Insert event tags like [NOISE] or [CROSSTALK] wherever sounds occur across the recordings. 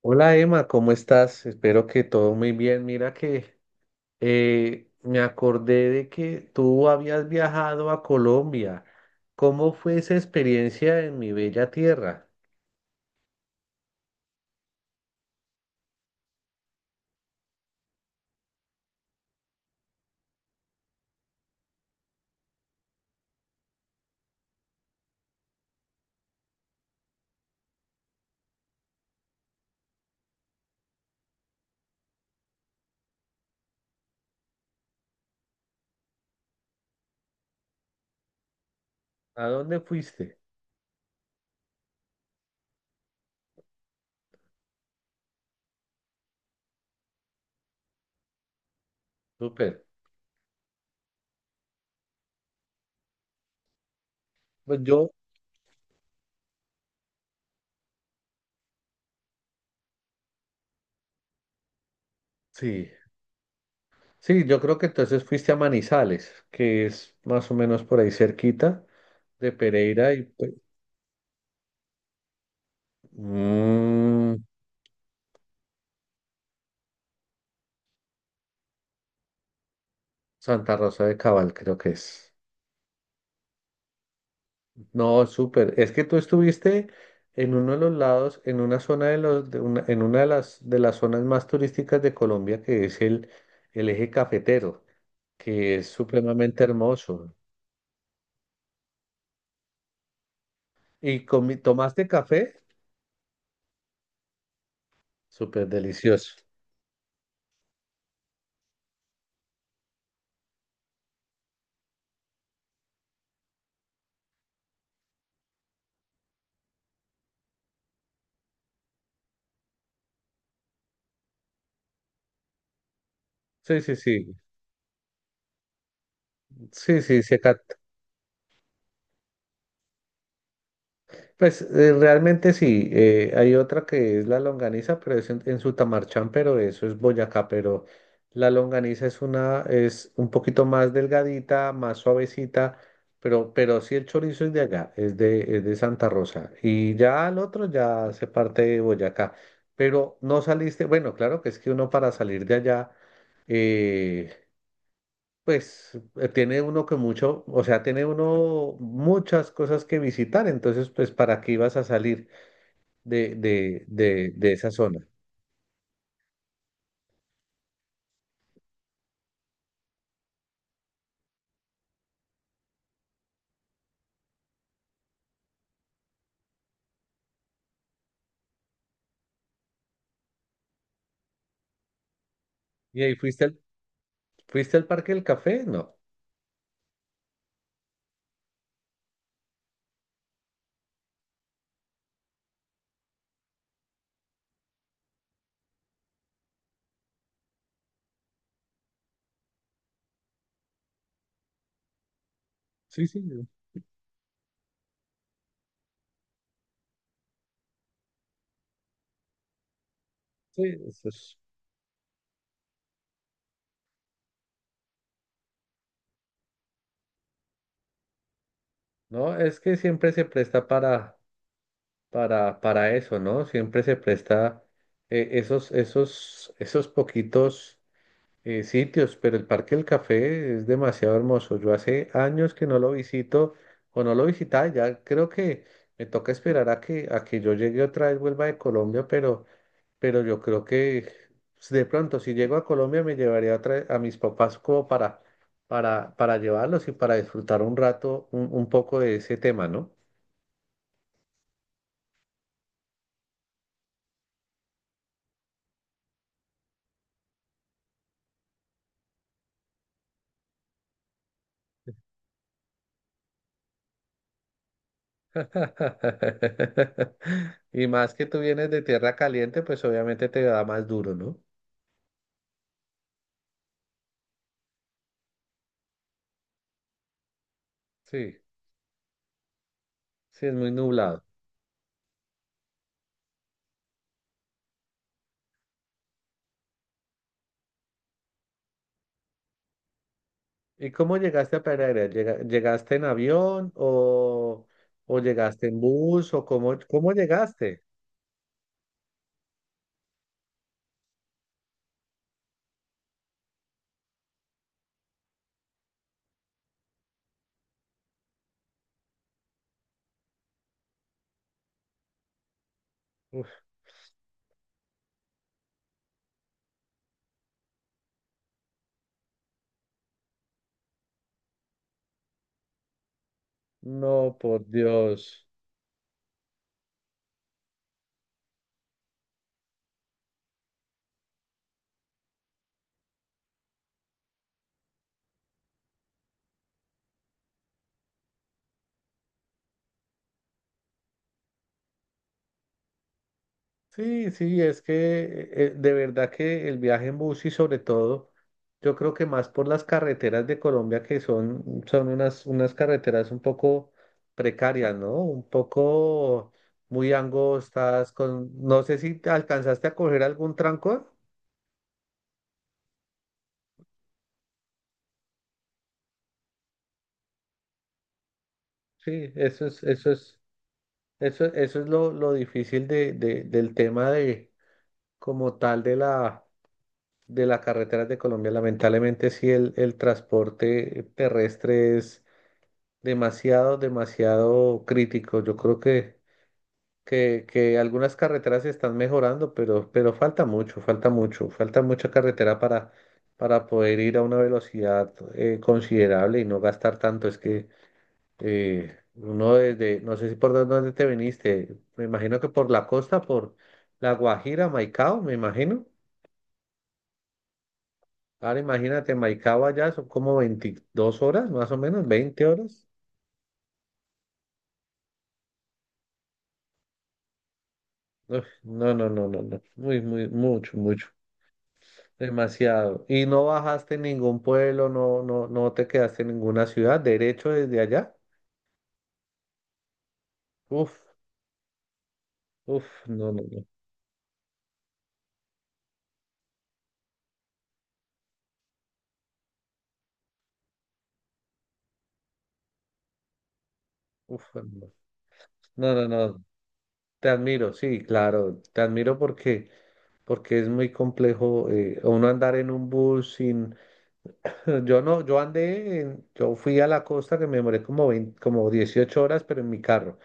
Hola Emma, ¿cómo estás? Espero que todo muy bien. Mira que me acordé de que tú habías viajado a Colombia. ¿Cómo fue esa experiencia en mi bella tierra? ¿A dónde fuiste? Súper. Pues yo, sí, sí, yo creo que entonces fuiste a Manizales, que es más o menos por ahí cerquita de Pereira y pues, mm, Santa Rosa de Cabal, creo que es. No, súper. Es que tú estuviste en uno de los lados, en una zona de los, de una, en una de las zonas más turísticas de Colombia, que es el eje cafetero, que es supremamente hermoso. ¿Y tomaste café? Súper delicioso. Sí, sí, sí. Sí, sí, sí, acá. Pues realmente sí, hay otra que es la longaniza, pero es en Sutamarchán, pero eso es Boyacá, pero la longaniza es una, es un poquito más delgadita, más suavecita, pero sí el chorizo es de allá, es de Santa Rosa. Y ya al otro ya se parte de Boyacá. Pero no saliste, bueno, claro que es que uno para salir de allá, eh, tiene uno que mucho, o sea, tiene uno muchas cosas que visitar, entonces, pues, ¿para qué ibas a salir de esa zona? ¿Y ahí fuiste al Parque del Café? No. Sí, sí, no, sí, eso es. No, es que siempre se presta para, para eso, ¿no? Siempre se presta esos, esos poquitos sitios, pero el Parque del Café es demasiado hermoso. Yo hace años que no lo visito o no lo visitaba, ya creo que me toca esperar a que yo llegue otra vez, vuelva de Colombia, pero yo creo que pues, de pronto si llego a Colombia me llevaría otra vez a mis papás como para, para llevarlos y para disfrutar un rato, un poco de ese tema, ¿no? [LAUGHS] Y más que tú vienes de tierra caliente, pues obviamente te da más duro, ¿no? Sí, sí, es muy nublado. ¿Y cómo llegaste a Pereira? Llegaste en avión o llegaste en bus o cómo, cómo llegaste? Uf, no, por Dios. Sí, sí, es que de verdad que el viaje en bus y sobre todo, yo creo que más por las carreteras de Colombia que son, son unas, unas carreteras un poco precarias, ¿no? Un poco muy angostas, con, no sé si te alcanzaste a coger algún trancón. Sí, eso es, eso es. Eso es lo difícil del tema de, como tal, de las carreteras de Colombia. Lamentablemente, sí, el transporte terrestre es demasiado, demasiado crítico. Yo creo que algunas carreteras se están mejorando, pero falta mucho, falta mucho, falta mucha carretera para poder ir a una velocidad considerable y no gastar tanto. Es que uno desde, no sé si por dónde dónde te viniste, me imagino que por la costa, por La Guajira, Maicao, me imagino. Ahora imagínate, Maicao allá son como 22 horas, más o menos, 20 horas. Uf, no, no, no, no, no, muy, muy, mucho, mucho, demasiado. Y no bajaste en ningún pueblo, no, no, no te quedaste en ninguna ciudad, derecho desde allá. Uf, uf, no, no, no, uf, no, no, no, no, te admiro, sí, claro, te admiro porque... porque es muy complejo uno andar en un bus sin... [LAUGHS] Yo no, yo andé, yo fui a la costa que me demoré como 20 como 18 horas, pero en mi carro.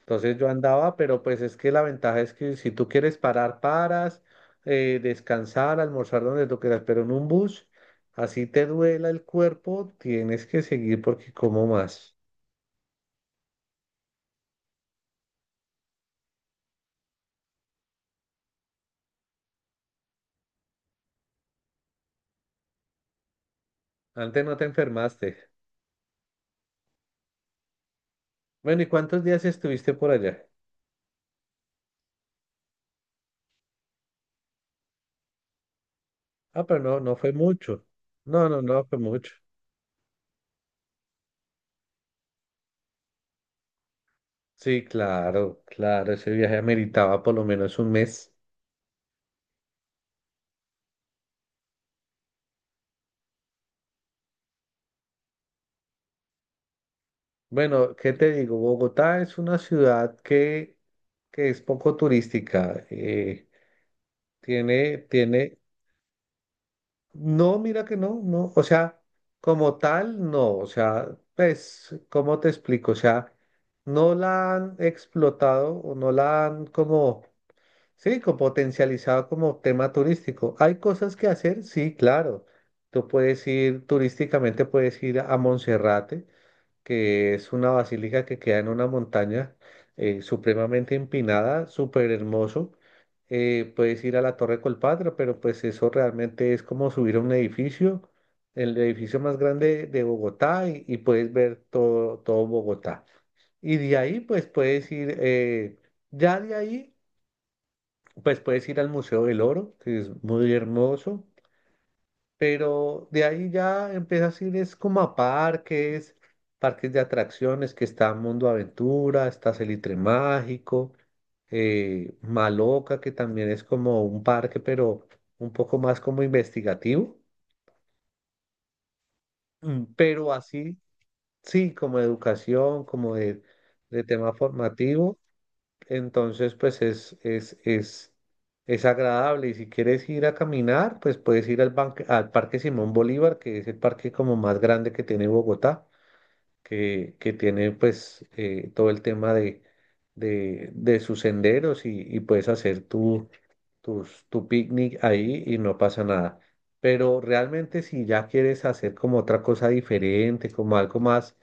Entonces yo andaba, pero pues es que la ventaja es que si tú quieres parar, paras, descansar, almorzar donde tú quieras, pero en un bus, así te duela el cuerpo, tienes que seguir porque como más. Antes no te enfermaste. Bueno, ¿y cuántos días estuviste por allá? Ah, pero no, no fue mucho. No, no, no fue mucho. Sí, claro, claro, ese viaje ameritaba por lo menos un mes. Bueno, ¿qué te digo? Bogotá es una ciudad que es poco turística. Tiene, no, mira que no, no, o sea, como tal, no, o sea, pues, ¿cómo te explico? O sea, no la han explotado o no la han como. Sí, como potencializado como tema turístico. Hay cosas que hacer, sí, claro. Tú puedes ir turísticamente, puedes ir a Monserrate, que es una basílica que queda en una montaña supremamente empinada, súper hermoso. Puedes ir a la Torre Colpatria, pero pues eso realmente es como subir a un edificio, el edificio más grande de Bogotá y puedes ver todo, todo Bogotá. Y de ahí pues puedes ir, ya de ahí. Pues puedes ir al Museo del Oro, que es muy hermoso, pero de ahí ya empiezas a ir es como a parques, parques de atracciones, que está Mundo Aventura, está Salitre Mágico, Maloca, que también es como un parque, pero un poco más como investigativo. Mm, pero así, sí, como educación, como de tema formativo. Entonces, pues es agradable. Y si quieres ir a caminar, pues puedes ir al Parque Simón Bolívar, que es el parque como más grande que tiene Bogotá, que tiene pues todo el tema de sus senderos y puedes hacer tu picnic ahí y no pasa nada. Pero realmente si ya quieres hacer como otra cosa diferente, como algo más,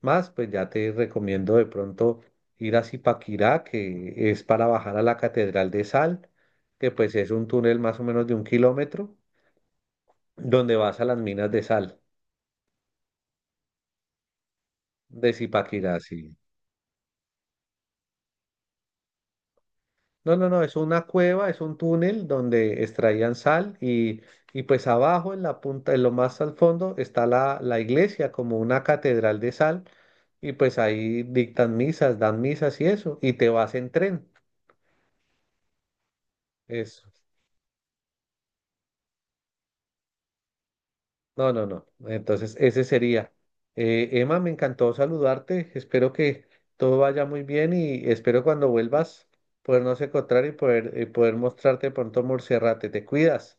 más, pues ya te recomiendo de pronto ir a Zipaquirá, que es para bajar a la Catedral de Sal, que pues es un túnel más o menos de 1 kilómetro, donde vas a las minas de sal de Zipaquirá, sí. No, no, no, es una cueva, es un túnel donde extraían sal y pues abajo en la punta, en lo más al fondo, está la iglesia como una catedral de sal y pues ahí dictan misas, dan misas y eso, y te vas en tren. Eso. No, no, no. Entonces, ese sería. Emma, me encantó saludarte. Espero que todo vaya muy bien y espero cuando vuelvas podernos encontrar y poder mostrarte pronto Morserrate. Te cuidas.